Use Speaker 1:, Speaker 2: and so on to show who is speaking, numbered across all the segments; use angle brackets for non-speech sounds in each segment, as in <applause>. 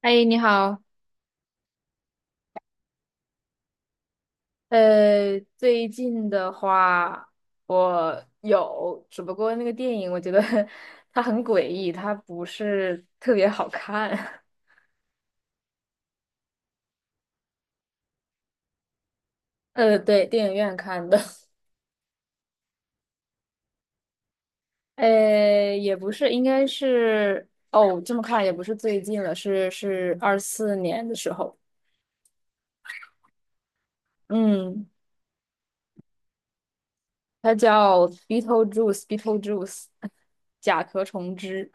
Speaker 1: 哎，你好，最近的话，我有，只不过那个电影，我觉得 <laughs> 它很诡异，它不是特别好看。<laughs> 对，电影院看的，<laughs> 也不是，应该是，哦，这么看也不是最近了，是24年的时候，嗯，它叫《Beetlejuice》，Beetlejuice，甲壳虫之。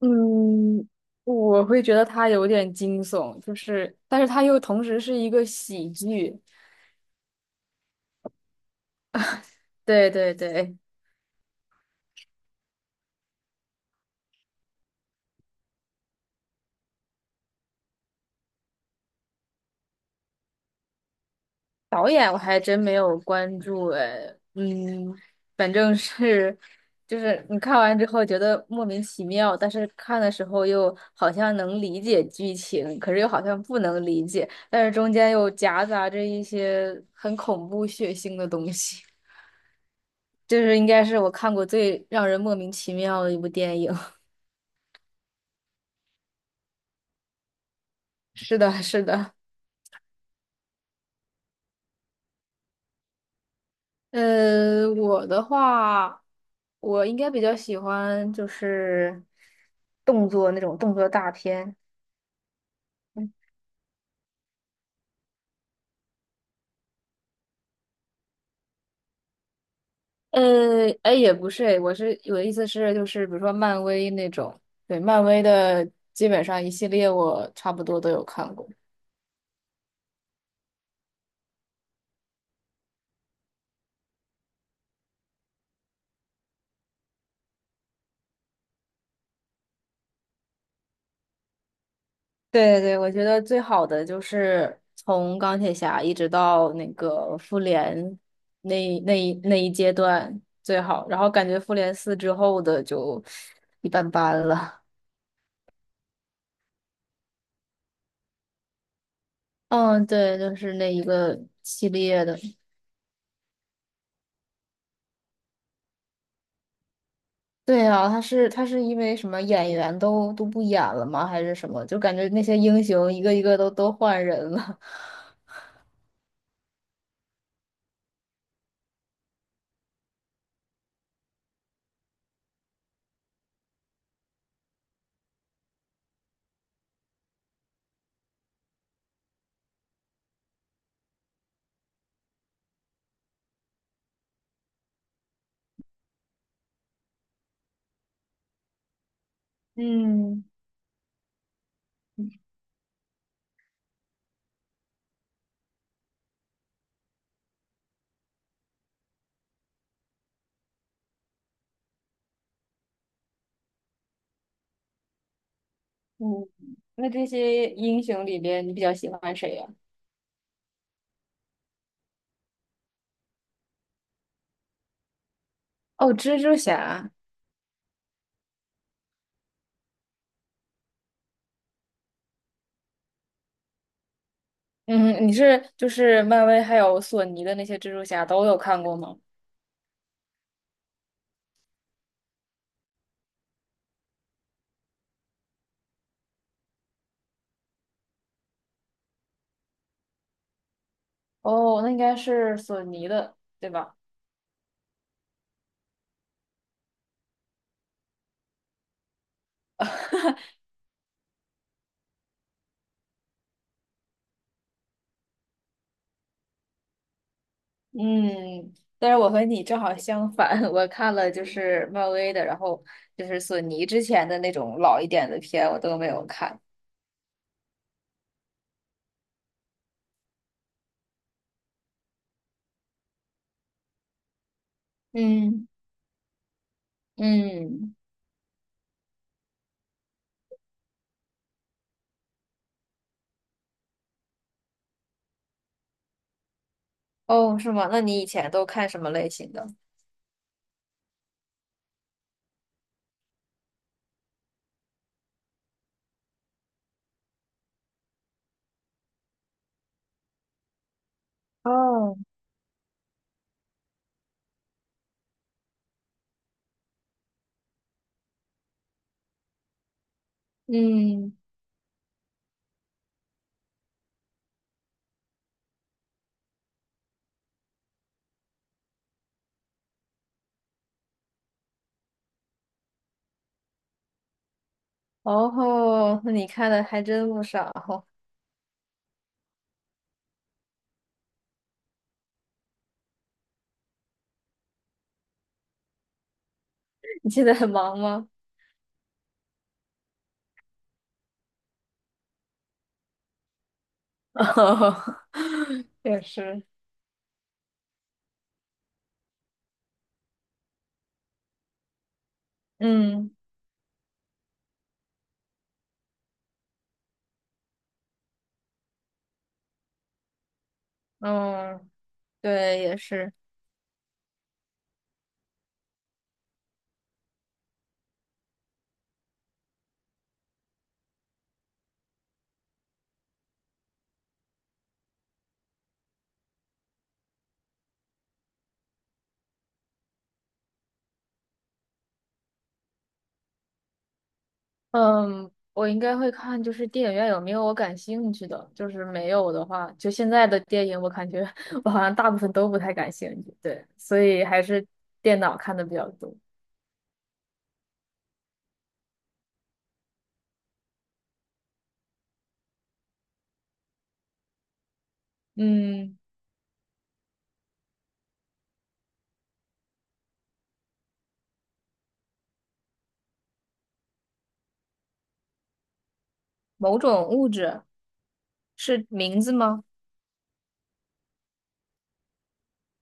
Speaker 1: 嗯，我会觉得它有点惊悚，就是，但是它又同时是一个喜剧。对对对，导演我还真没有关注哎，嗯，反正是，就是你看完之后觉得莫名其妙，但是看的时候又好像能理解剧情，可是又好像不能理解，但是中间又夹杂着一些很恐怖血腥的东西。就是应该是我看过最让人莫名其妙的一部电影。<laughs> 是的，是的。我的话，我应该比较喜欢就是动作那种动作大片。哎，也不是，哎，我的意思是，就是比如说漫威那种，对，漫威的基本上一系列我差不多都有看过。对对，对，我觉得最好的就是从钢铁侠一直到那个复联那一阶段最好，然后感觉复联四之后的就一般般了。嗯，对，就是那一个系列的。对啊，他是因为什么演员都不演了吗？还是什么？就感觉那些英雄一个一个都换人了。<laughs> 嗯嗯，那这些英雄里边，你比较喜欢谁呀、哦，蜘蛛侠。嗯，你是就是漫威还有索尼的那些蜘蛛侠都有看过吗？哦，那应该是索尼的，对吧？<laughs> 嗯，但是我和你正好相反，<laughs> 我看了就是漫威的，然后就是索尼之前的那种老一点的片，我都没有看。嗯，嗯，哦，是吗？那你以前都看什么类型的？哦，嗯，哦，那你看的还真不少。<laughs> 你现在很忙吗？<laughs> 哦也是，嗯嗯，对，也是。嗯，我应该会看，就是电影院有没有我感兴趣的，就是没有的话，就现在的电影，我感觉 <laughs> 我好像大部分都不太感兴趣，对，所以还是电脑看的比较多。嗯，某种物质是名字吗？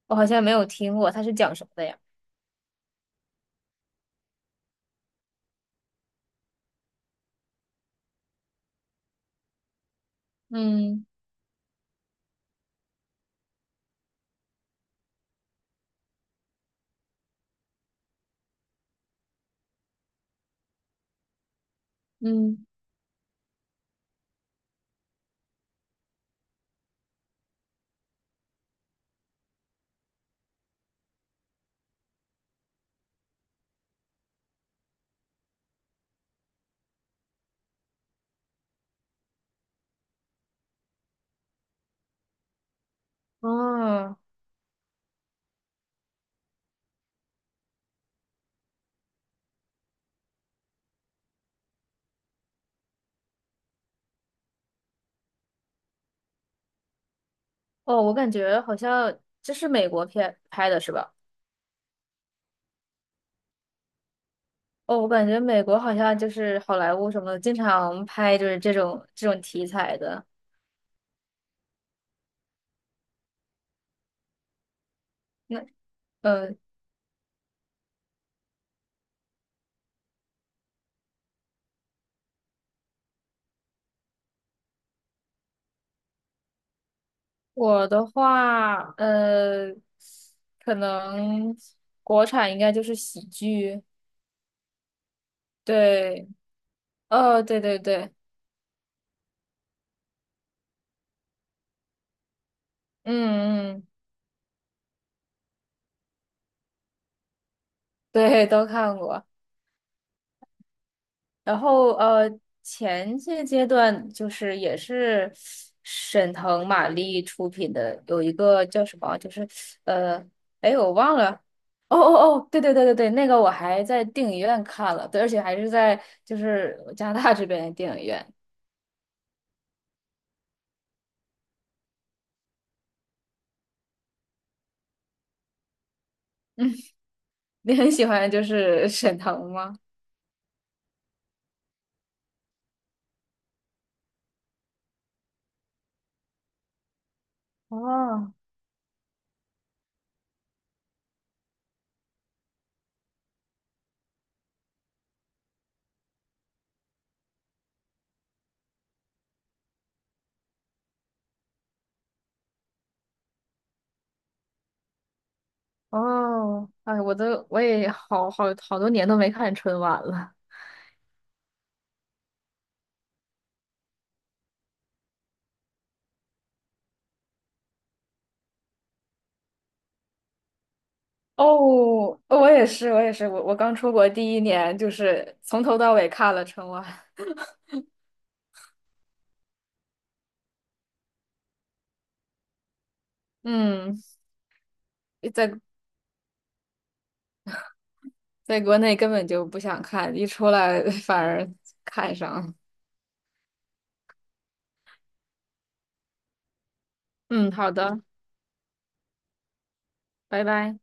Speaker 1: 我好像没有听过，它是讲什么的呀？嗯嗯，哦哦，我感觉好像这是美国片拍的是吧？哦，我感觉美国好像就是好莱坞什么的，经常拍就是这种题材的。那。嗯。我的话，可能国产应该就是喜剧，对，哦，对对对，嗯嗯，对，都看过。然后前些阶段就是也是沈腾、马丽出品的，有一个叫什么，就是呃，哎，我忘了。哦哦哦，对对对对对，那个我还在电影院看了，对，而且还是在就是加拿大这边的电影院。你很喜欢就是沈腾吗？哦哦，哎，我也好多年都没看春晚了。哦，我也是，我也是，我刚出国第一年，就是从头到尾看了春晚。<laughs> 嗯，在在国内根本就不想看，一出来 <laughs> 反而看上了。嗯，好的，拜拜。